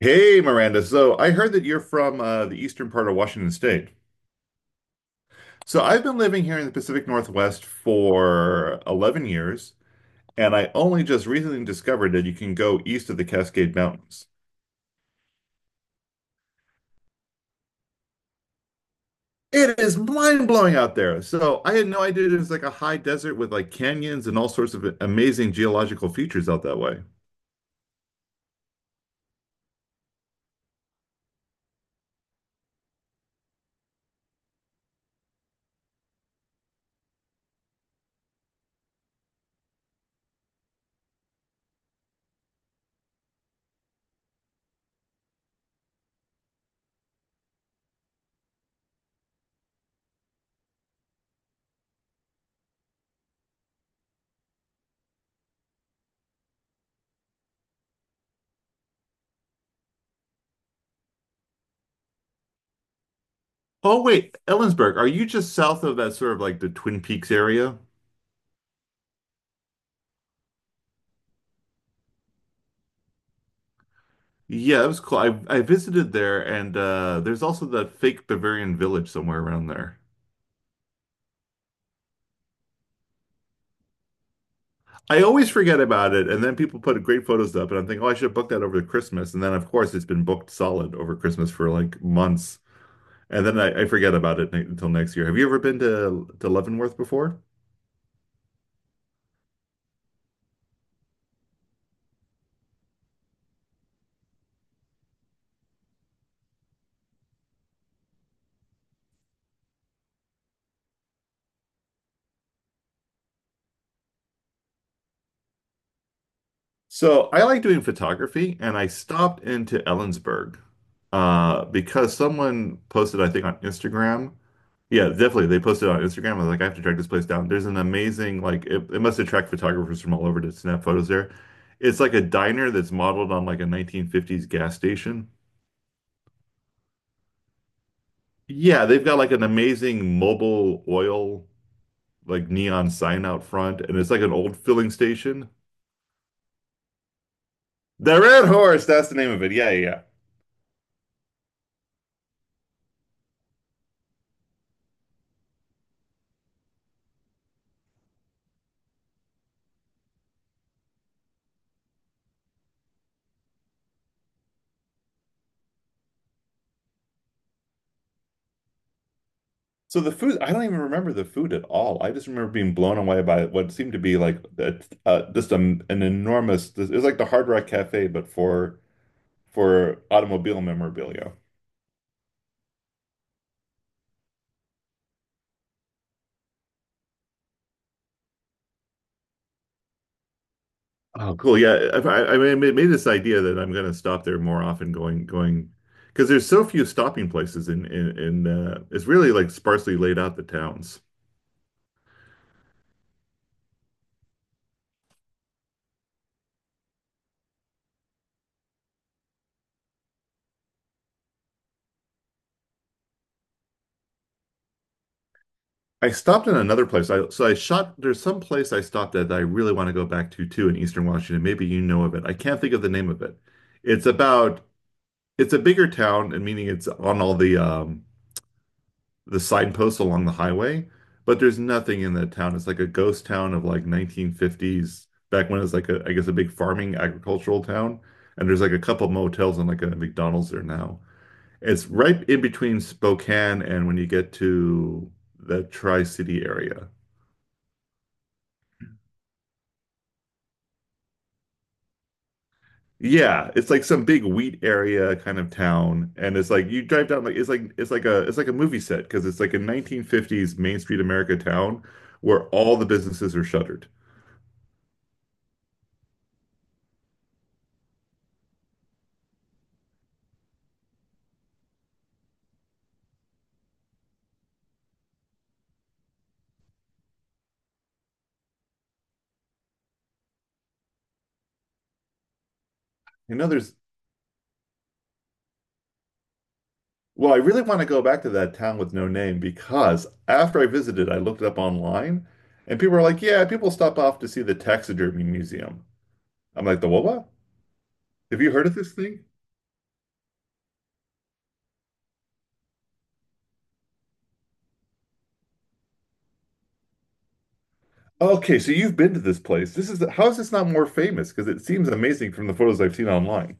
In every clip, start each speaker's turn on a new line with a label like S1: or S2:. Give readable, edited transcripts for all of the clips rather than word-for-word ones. S1: Hey, Miranda. So I heard that you're from the eastern part of Washington State. So I've been living here in the Pacific Northwest for 11 years, and I only just recently discovered that you can go east of the Cascade Mountains. It is mind-blowing out there. So I had no idea it was like a high desert with like canyons and all sorts of amazing geological features out that way. Oh, wait, Ellensburg, are you just south of that sort of like the Twin Peaks area? Yeah, it was cool. I visited there, and there's also that fake Bavarian village somewhere around there. I always forget about it, and then people put great photos up, and I'm thinking, oh, I should have booked that over Christmas. And then, of course, it's been booked solid over Christmas for like months, and then I forget about it ne until next year. Have you ever been to Leavenworth before? So I like doing photography, and I stopped into Ellensburg because someone posted, I think, on Instagram. Yeah, definitely. They posted on Instagram. I was like, I have to track this place down. There's an amazing, like, it must attract photographers from all over to snap photos there. It's like a diner that's modeled on like a 1950s gas station. Yeah, they've got like an amazing mobile oil, like neon sign out front, and it's like an old filling station. The Red Horse, that's the name of it. Yeah, yeah, yeah. So the food, I don't even remember the food at all. I just remember being blown away by what seemed to be like an enormous, it was like the Hard Rock Cafe, but for automobile memorabilia. Oh, cool. Yeah, I mean, made this idea that I'm going to stop there more often, going because there's so few stopping places in it's really like sparsely laid out the towns. I stopped in another place. I so I shot. There's some place I stopped at that I really want to go back to too in Eastern Washington. Maybe you know of it. I can't think of the name of it. It's about it's a bigger town, and meaning it's on all the signposts along the highway, but there's nothing in that town. It's like a ghost town of like 1950s, back when it was like I guess, a big farming agricultural town. And there's like a couple motels and like a McDonald's there now. It's right in between Spokane and when you get to the Tri-City area. Yeah, it's like some big wheat area kind of town, and it's like you drive down like it's like a movie set because it's like a 1950s Main Street America town where all the businesses are shuttered. You know, there's well, I really want to go back to that town with no name because after I visited, I looked it up online and people were like, yeah, people stop off to see the taxidermy museum. I'm like, the what? Have you heard of this thing? Okay, so you've been to this place. This is how is this not more famous? Because it seems amazing from the photos I've seen online.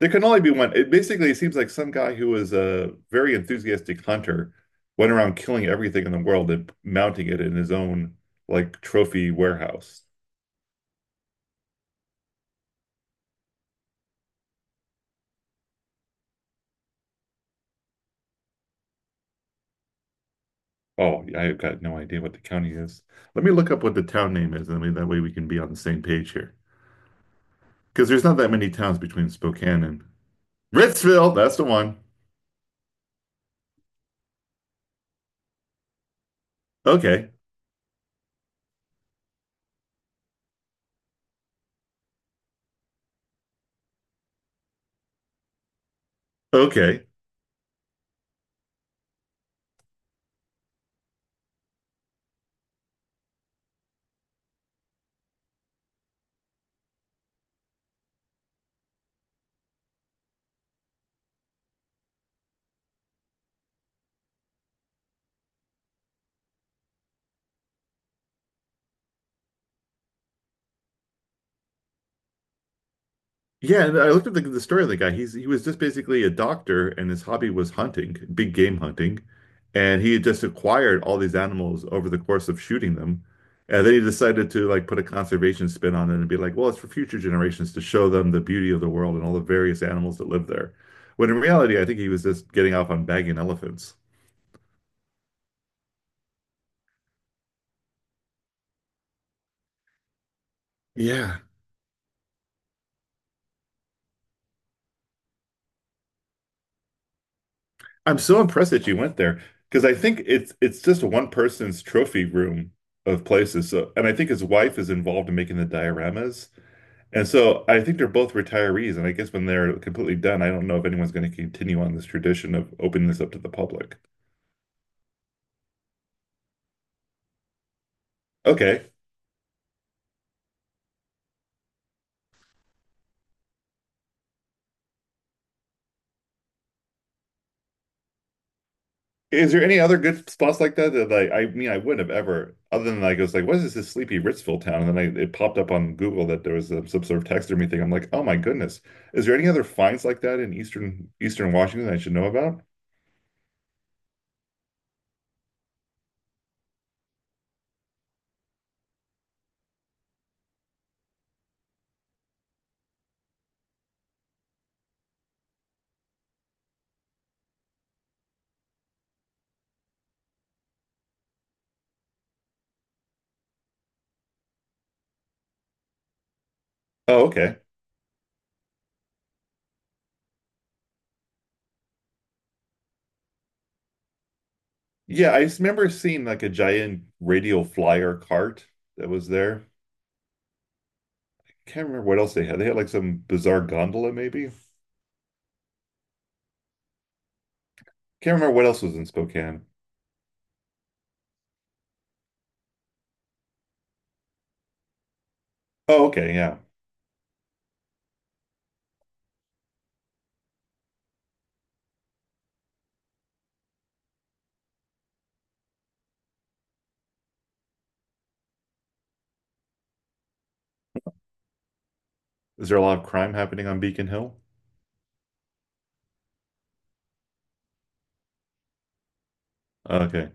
S1: There can only be one. It basically seems like some guy who was a very enthusiastic hunter went around killing everything in the world and mounting it in his own like trophy warehouse. Oh, yeah, I've got no idea what the county is. Let me look up what the town name is, and we- that way we can be on the same page here. Because there's not that many towns between Spokane and Ritzville. That's the one. Okay. Okay. Yeah, and I looked at the story of the guy. He was just basically a doctor, and his hobby was hunting, big game hunting, and he had just acquired all these animals over the course of shooting them, and then he decided to like put a conservation spin on it and be like, well, it's for future generations to show them the beauty of the world and all the various animals that live there. When in reality, I think he was just getting off on bagging elephants. Yeah, I'm so impressed that you went there because I think it's just one person's trophy room of places. So, and I think his wife is involved in making the dioramas. And so I think they're both retirees, and I guess when they're completely done, I don't know if anyone's going to continue on this tradition of opening this up to the public. Okay. Is there any other good spots like that that like I mean I wouldn't have ever other than like I was like what is this sleepy Ritzville town and then I, it popped up on Google that there was some sort of taxidermy thing I'm like oh my goodness is there any other finds like that in eastern Washington I should know about? Oh, okay. Yeah, I s- remember seeing like a giant radial flyer cart that was there. Can't remember what else they had. They had like some bizarre gondola, maybe. Can't remember what else was in Spokane. Oh, okay, yeah. Is there a lot of crime happening on Beacon Hill? Okay.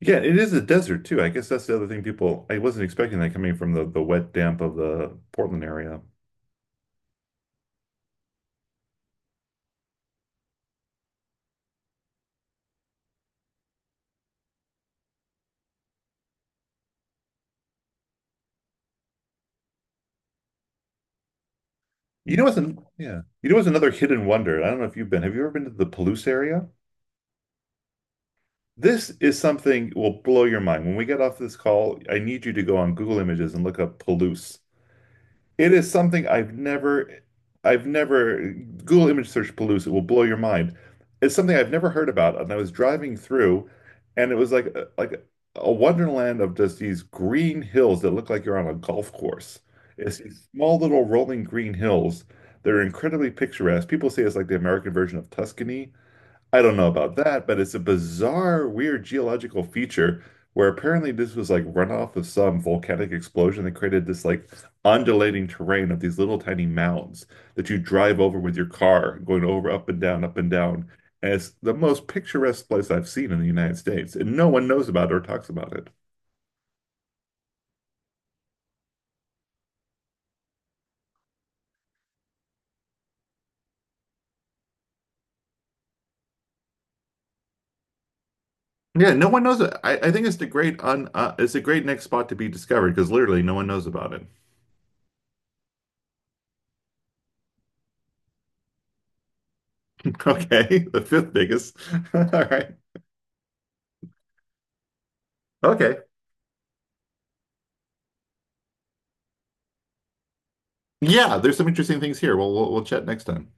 S1: Yeah, it is a desert too. I guess that's the other thing people, I wasn't expecting that coming from the wet damp of the Portland area. You know what's an, yeah. You know what's another hidden wonder? I don't know if you've been. Have you ever been to the Palouse area? This is something will blow your mind. When we get off this call, I need you to go on Google Images and look up Palouse. It is something I've never, Google image search Palouse, it will blow your mind. It's something I've never heard about. And I was driving through and it was like a wonderland of just these green hills that look like you're on a golf course. It's these small little rolling green hills. They're incredibly picturesque. People say it's like the American version of Tuscany. I don't know about that, but it's a bizarre, weird geological feature where apparently this was like runoff of some volcanic explosion that created this like undulating terrain of these little tiny mounds that you drive over with your car, going over up and down, up and down. And it's the most picturesque place I've seen in the United States, and no one knows about it or talks about it. Yeah, no one knows it. I think it's the great it's a great next spot to be discovered because literally no one knows about it. Okay, the fifth biggest. All right. Okay. Yeah, there's some interesting things here. Well, we'll chat next time.